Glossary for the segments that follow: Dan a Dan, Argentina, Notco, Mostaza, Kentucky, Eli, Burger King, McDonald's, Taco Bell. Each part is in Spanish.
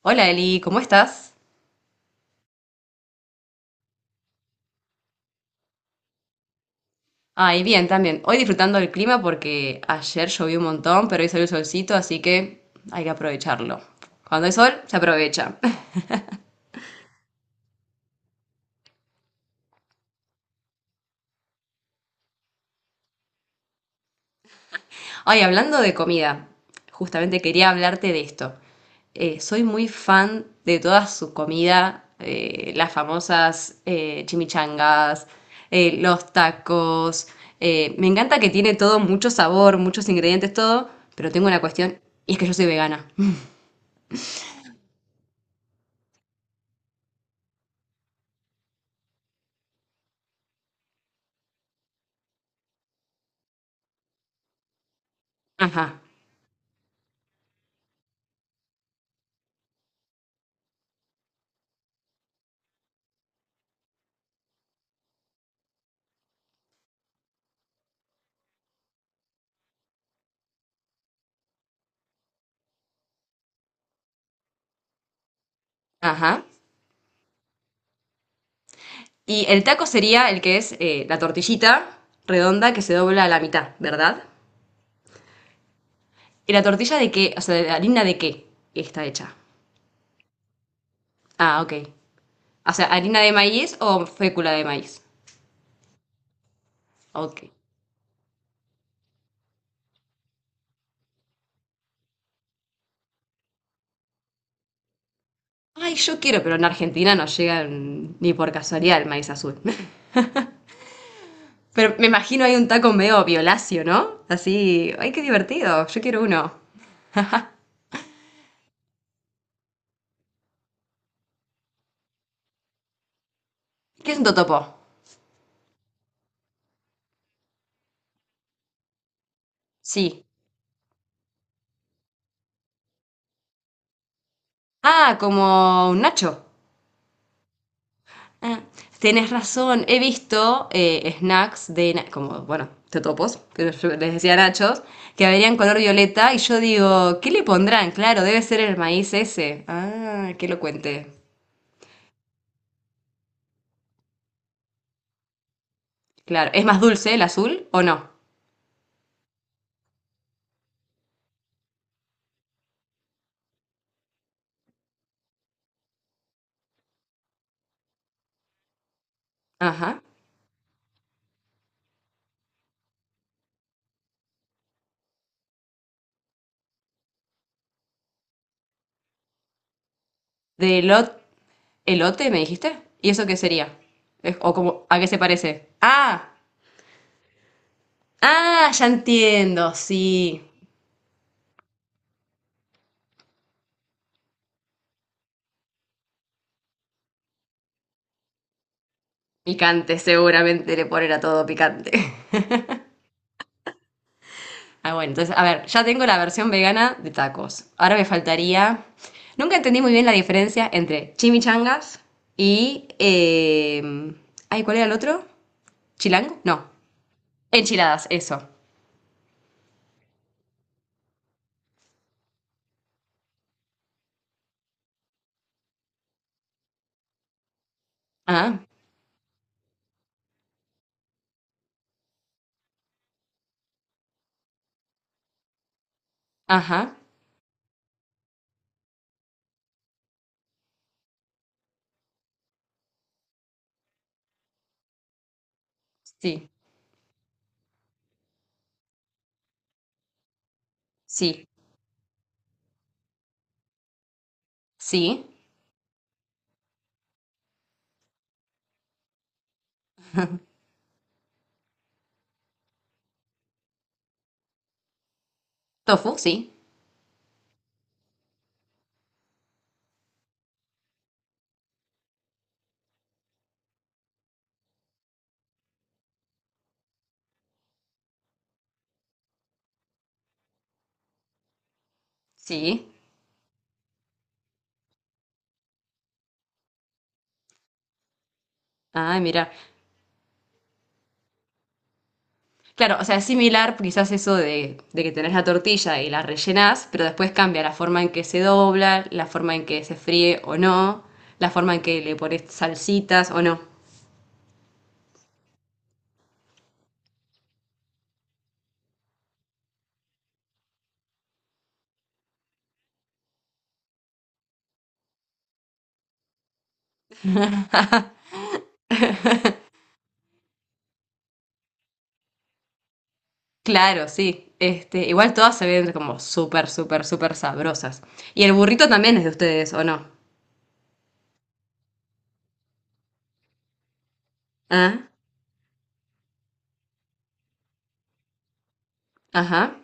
Hola Eli, ¿cómo estás? Ay, bien, también. Hoy disfrutando del clima porque ayer llovió un montón, pero hoy salió el solcito, así que hay que aprovecharlo. Cuando hay sol, se aprovecha. Ay, hablando de comida, justamente quería hablarte de esto. Soy muy fan de toda su comida, las famosas chimichangas, los tacos. Me encanta que tiene todo mucho sabor, muchos ingredientes, todo, pero tengo una cuestión, y es que yo soy vegana. Ajá, ajá. Y el taco sería el que es la tortillita redonda que se dobla a la mitad, ¿verdad? ¿Y la tortilla de qué? O sea, ¿de harina de qué está hecha? Ah, ok. O sea, ¿harina de maíz o fécula de maíz? Ok. Ay, yo quiero, pero en Argentina no llega ni por casualidad el maíz azul. Pero me imagino hay un taco medio violáceo, ¿no? Así, ay, qué divertido, yo quiero uno. ¿Qué es un totopo? Sí. Ah, como un nacho. Ah, tienes razón, he visto snacks de, como, bueno, totopos, que yo les decía nachos, que verían color violeta y yo digo, ¿qué le pondrán? Claro, debe ser el maíz ese. Ah, que lo cuente. Claro, ¿es más dulce el azul o no? Ajá. ¿De elot- ¿Elote me dijiste? ¿Y eso qué sería? ¿O como, a qué se parece? Ah, ah, ya entiendo, sí. Picante, seguramente le ponen a todo picante. Ah, bueno, entonces, a ver, ya tengo la versión vegana de tacos. Ahora me faltaría. Nunca entendí muy bien la diferencia entre chimichangas y ay, ¿cuál era el otro? ¿Chilango? No. Enchiladas, eso. Ah, ajá. Sí, sí, sí. Tofu, sí, sí. Ay, mira. Claro, o sea, es similar quizás eso de que tenés la tortilla y la rellenás, pero después cambia la forma en que se dobla, la forma en que se fríe o no, la forma en que le pones salsitas o no. Claro, sí. Este, igual todas se ven como súper, súper, súper sabrosas. Y el burrito también es de ustedes, ¿o no? Ah, ajá.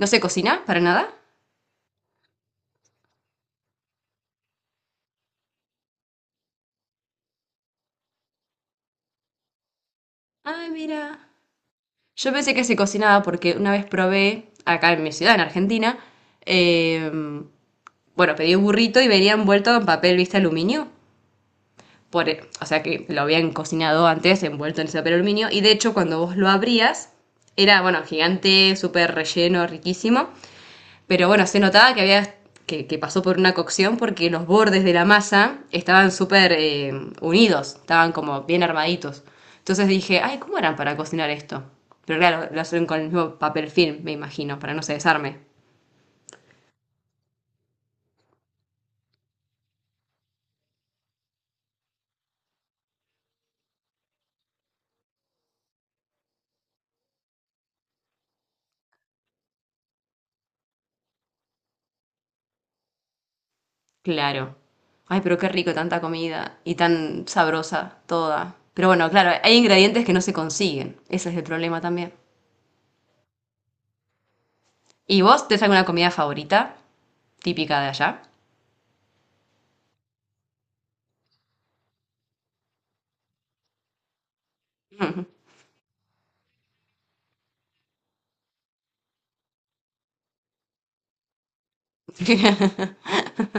¿No se cocina para nada? Ah, mira. Yo pensé que se cocinaba porque una vez probé, acá en mi ciudad, en Argentina, eh, bueno, pedí un burrito y venía envuelto en papel, ¿viste? Aluminio. O sea que lo habían cocinado antes, envuelto en ese papel aluminio. Y de hecho, cuando vos lo abrías, era, bueno, gigante, súper relleno, riquísimo. Pero bueno, se notaba que había. Que pasó por una cocción porque los bordes de la masa estaban súper unidos, estaban como bien armaditos. Entonces dije, ay, ¿cómo eran para cocinar esto? Pero claro, lo hacen con el mismo papel film, me imagino, para no se desarme. Claro. Ay, pero qué rico tanta comida y tan sabrosa toda. Pero bueno, claro, hay ingredientes que no se consiguen. Ese es el problema también. ¿Y vos tenés alguna comida favorita típica de allá?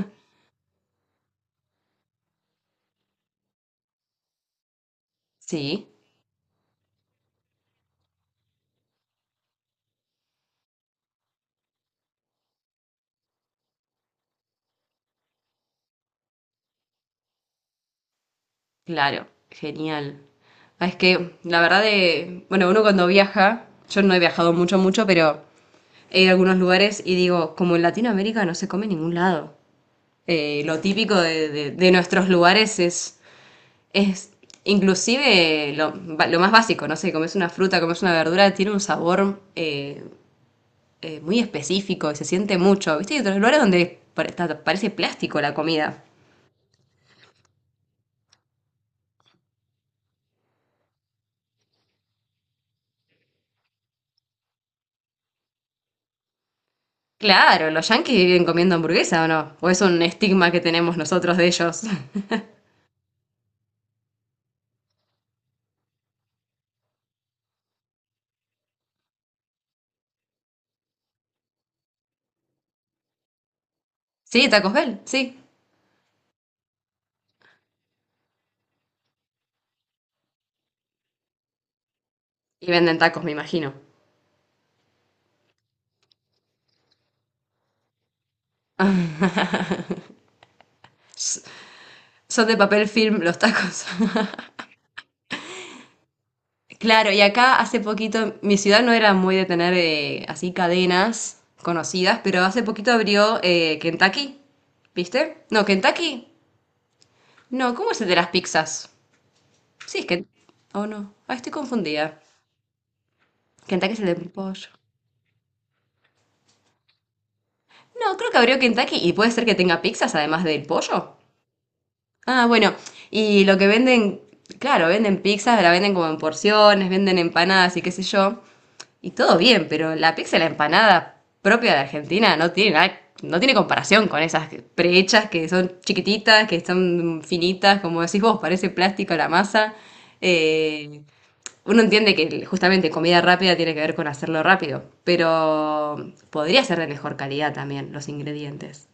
Sí, claro, genial. Ah, es que la verdad de, bueno, uno cuando viaja, yo no he viajado mucho, mucho, pero he ido a algunos lugares y digo, como en Latinoamérica no se come en ningún lado. Lo típico de, de nuestros lugares es inclusive lo más básico, no sé, comes una fruta, comes una verdura, tiene un sabor muy específico y se siente mucho. ¿Viste? Hay otros lugares donde parece plástico la comida. Claro, los yanquis viven comiendo hamburguesa o no. O es un estigma que tenemos nosotros de ellos. Sí, tacos Bell, sí. Y venden tacos, me imagino. Son de papel film los tacos. Claro, y acá hace poquito, mi ciudad no era muy de tener así cadenas conocidas, pero hace poquito abrió Kentucky, ¿viste? No, Kentucky. No, ¿cómo es el de las pizzas? Sí, es que... Oh, no. Ay, estoy confundida. Kentucky es el de pollo. No, creo que abrió Kentucky y puede ser que tenga pizzas además del pollo. Ah, bueno. Y lo que venden, claro, venden pizzas, la venden como en porciones, venden empanadas y qué sé yo. Y todo bien, pero la pizza y la empanada propia de Argentina no tiene comparación con esas prehechas que son chiquititas, que son finitas, como decís vos, parece plástico la masa. Eh, Uno entiende que justamente comida rápida tiene que ver con hacerlo rápido, pero podría ser de mejor calidad también los ingredientes.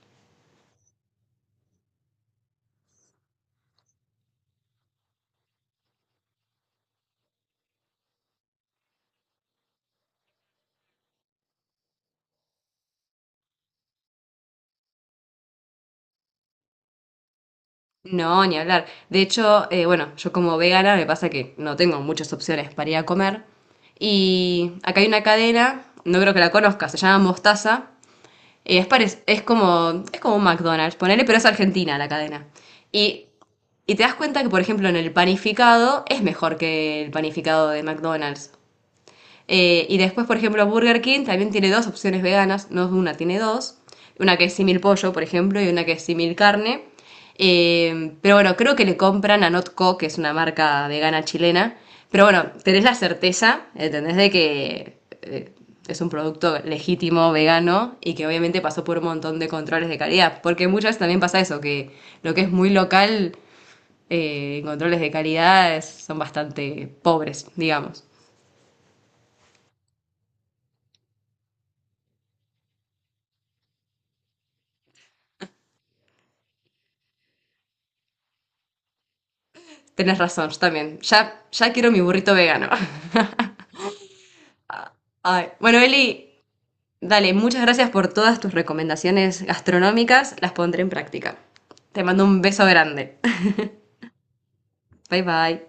No, ni hablar. De hecho, bueno, yo como vegana me pasa que no tengo muchas opciones para ir a comer. Y acá hay una cadena, no creo que la conozcas, se llama Mostaza, es como un McDonald's, ponele, pero es argentina la cadena. Y, y te das cuenta que, por ejemplo, en el panificado es mejor que el panificado de McDonald's. Y después, por ejemplo, Burger King también tiene dos opciones veganas, no es una, tiene dos. Una que es simil pollo, por ejemplo, y una que es simil carne. Pero bueno, creo que le compran a Notco, que es una marca vegana chilena. Pero bueno, tenés la certeza, ¿entendés? De que es un producto legítimo, vegano, y que obviamente pasó por un montón de controles de calidad. Porque muchas veces también pasa eso, que lo que es muy local, controles de calidad es- son bastante pobres, digamos. Tenés razón, yo también. Ya, ya quiero mi burrito vegano. Ay, bueno, Eli, dale, muchas gracias por todas tus recomendaciones gastronómicas. Las pondré en práctica. Te mando un beso grande. Bye bye.